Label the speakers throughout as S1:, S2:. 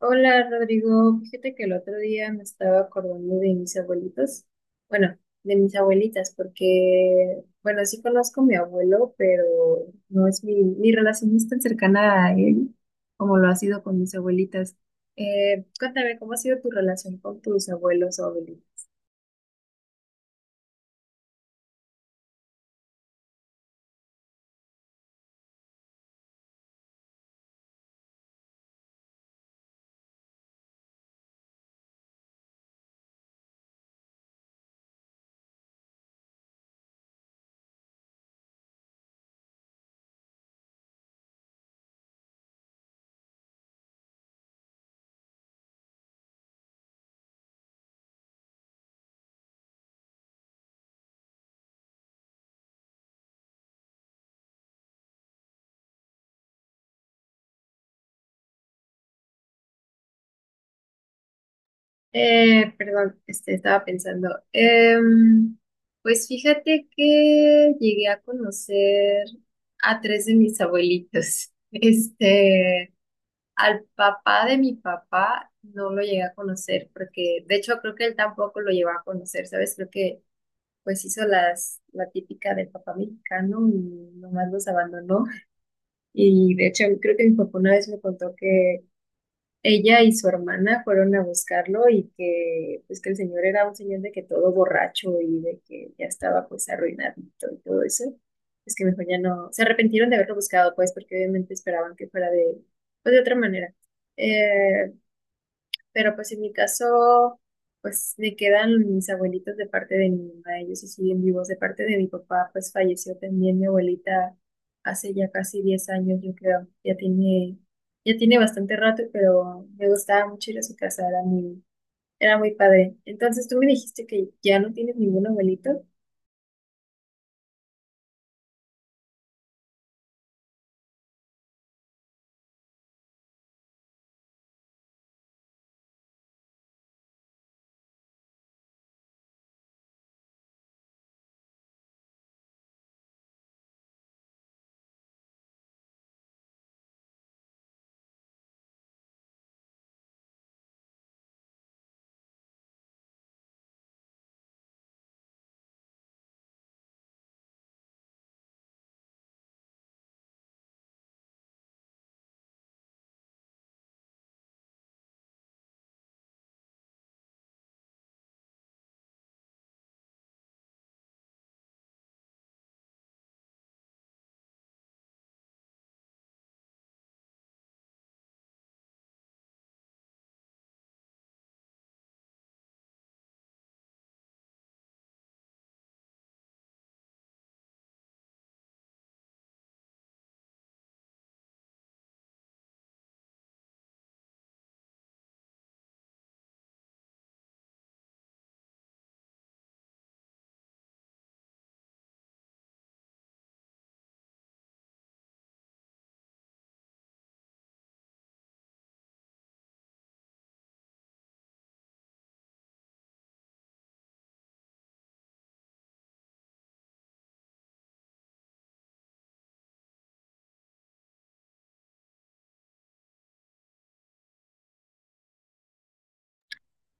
S1: Hola Rodrigo, fíjate que el otro día me estaba acordando de mis abuelitos, bueno, de mis abuelitas, porque, bueno, sí conozco a mi abuelo, pero no es mi relación no es tan cercana a él como lo ha sido con mis abuelitas. Cuéntame, ¿cómo ha sido tu relación con tus abuelos o abuelitos? Perdón, este, estaba pensando. Pues fíjate que llegué a conocer a tres de mis abuelitos. Al papá de mi papá no lo llegué a conocer porque, de hecho, creo que él tampoco lo llevaba a conocer, ¿sabes? Creo que pues hizo la típica del papá mexicano y nomás los abandonó. Y de hecho, creo que mi papá una vez me contó que ella y su hermana fueron a buscarlo y que pues que el señor era un señor de que todo borracho y de que ya estaba pues arruinadito y todo eso. Es que mejor ya no, se arrepintieron de haberlo buscado pues porque obviamente esperaban que fuera de, pues, de otra manera. Eh, pero pues en mi caso, pues me quedan mis abuelitos de parte de mi mamá, ellos sí siguen vivos. De parte de mi papá, pues falleció también mi abuelita hace ya casi 10 años, yo creo. Ya tiene bastante rato, pero me gustaba mucho ir a su casa, era muy padre. Entonces tú me dijiste que ya no tienes ningún abuelito.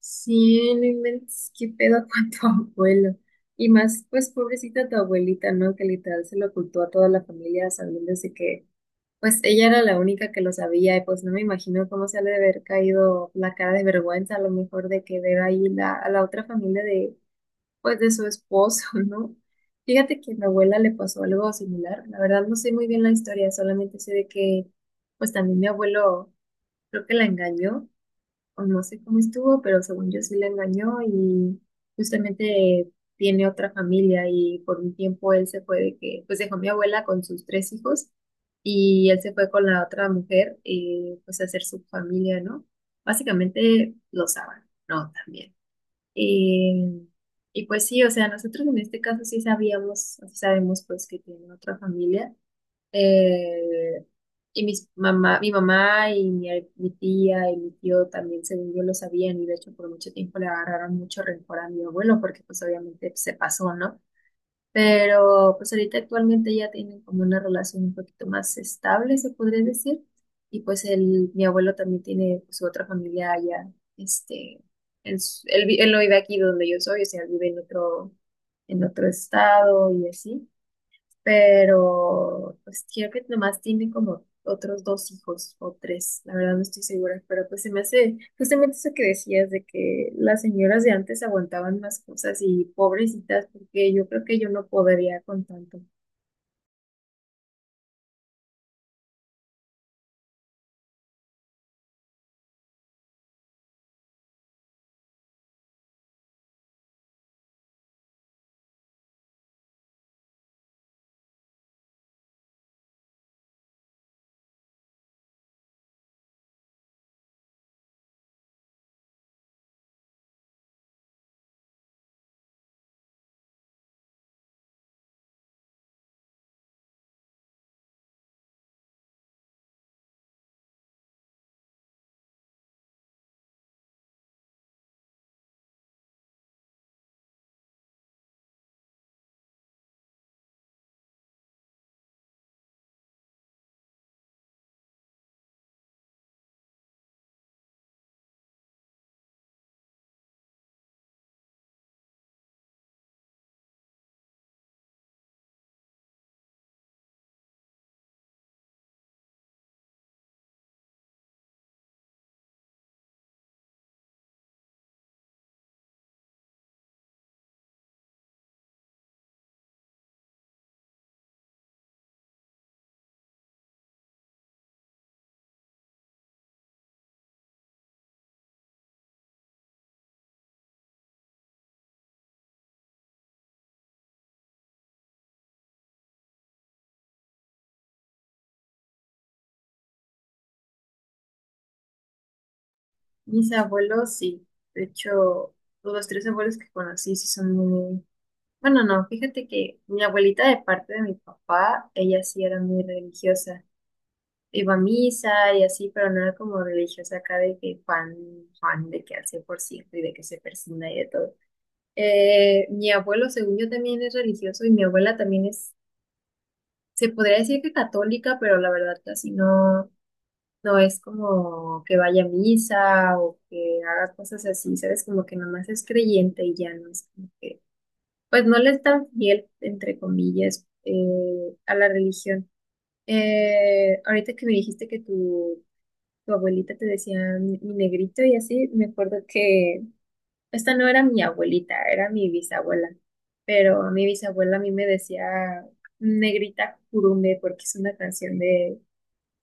S1: Sí, no inventes, qué pedo con tu abuelo. Y más, pues pobrecita tu abuelita, ¿no? Que literal se lo ocultó a toda la familia sabiendo desde que... Pues ella era la única que lo sabía y pues no me imagino cómo se ha de haber caído la cara de vergüenza a lo mejor de que ver ahí a la otra familia de pues de su esposo, ¿no? Fíjate que a mi abuela le pasó algo similar. La verdad no sé muy bien la historia, solamente sé de que pues también mi abuelo creo que la engañó o no sé cómo estuvo, pero según yo sí la engañó y justamente tiene otra familia y por un tiempo él se fue de que, pues dejó a mi abuela con sus 3 hijos y él se fue con la otra mujer, pues a hacer su familia, ¿no? Básicamente lo saben, ¿no? También. Eh, y pues sí, o sea, nosotros en este caso sí sabíamos, sabemos pues que tiene otra familia. Eh, y mi mamá y mi tía y mi tío también, según yo, lo sabían y de hecho por mucho tiempo le agarraron mucho rencor a mi abuelo porque pues obviamente se pasó, ¿no? Pero pues ahorita actualmente ya tienen como una relación un poquito más estable, se podría decir. Y pues mi abuelo también tiene pues, su otra familia allá, este, él, s- él vi- él no vive aquí donde yo soy, o sea, él vive en otro estado y así pero pues creo que nomás tiene como otros dos hijos o tres, la verdad no estoy segura, pero pues se me hace justamente eso que decías de que las señoras de antes aguantaban más cosas y pobrecitas, porque yo creo que yo no podría con tanto. Mis abuelos sí, de hecho, los 3 abuelos que conocí sí son muy... Bueno, no, fíjate que mi abuelita de parte de mi papá, ella sí era muy religiosa. Iba a misa y así, pero no era como religiosa acá de que Juan de que al 100% y de que se persigna y de todo. Mi abuelo, según yo, también es religioso y mi abuela también es, se podría decir que católica, pero la verdad casi no, no es como que vaya a misa o que haga cosas así, ¿sabes? Como que nomás es creyente y ya no es como que, pues no le es tan fiel, entre comillas, a la religión. Ahorita que me dijiste que tu abuelita te decía mi negrito y así, me acuerdo que esta no era mi abuelita, era mi bisabuela, pero mi bisabuela a mí me decía negrita curumbe porque es una canción de,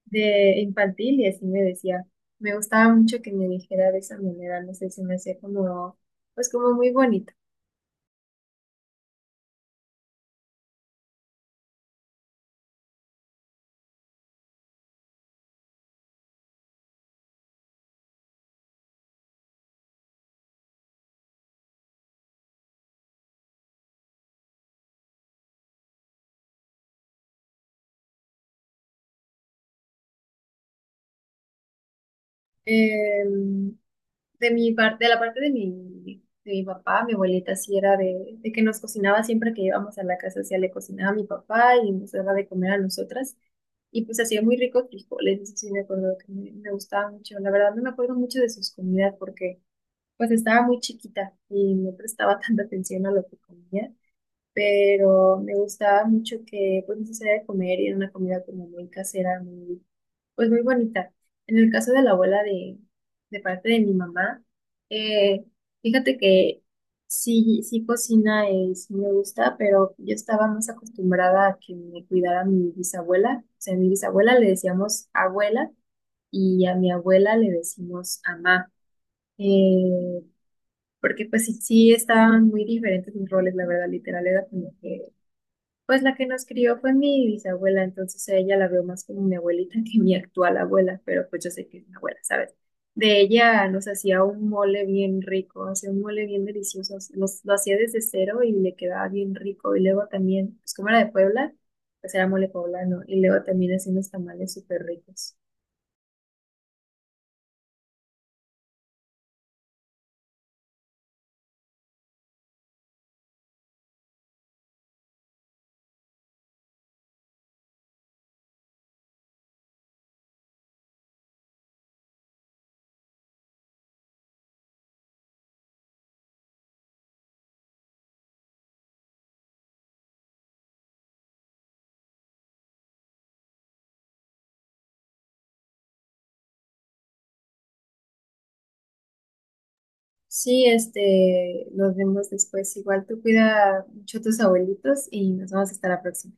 S1: de infantil y así me decía. Me gustaba mucho que me dijera de esa manera, no sé, se me hacía como, pues como muy bonito. Em, de mi parte, de la parte de mi papá, mi abuelita sí era de que nos cocinaba siempre que íbamos a la casa, o sea, le cocinaba a mi papá y nos daba de comer a nosotras. Y pues hacía muy ricos frijoles, eso sí me acuerdo que me gustaba mucho. La verdad no me acuerdo mucho de sus comidas porque pues estaba muy chiquita y no prestaba tanta atención a lo que comía pero me gustaba mucho que pues nos hacía de comer y era una comida como muy casera, pues muy bonita. En el caso de la abuela de parte de mi mamá, eh, fíjate que sí, sí cocina y sí me gusta, pero yo estaba más acostumbrada a que me cuidara mi bisabuela. O sea, a mi bisabuela le decíamos abuela y a mi abuela le decimos amá. Eh, Porque pues sí, sí estaban muy diferentes mis roles, la verdad, literal, era como que pues la que nos crió fue mi bisabuela, entonces a ella la veo más como mi abuelita que mi actual abuela, pero pues yo sé que es mi abuela, ¿sabes? De ella nos hacía un mole bien rico, hacía un mole bien delicioso, lo hacía desde cero y le quedaba bien rico. Y luego también, pues como era de Puebla, pues era mole poblano, y luego también hacía unos tamales súper ricos. Sí, nos vemos después. Igual tú cuida mucho a tus abuelitos y nos vamos hasta la próxima.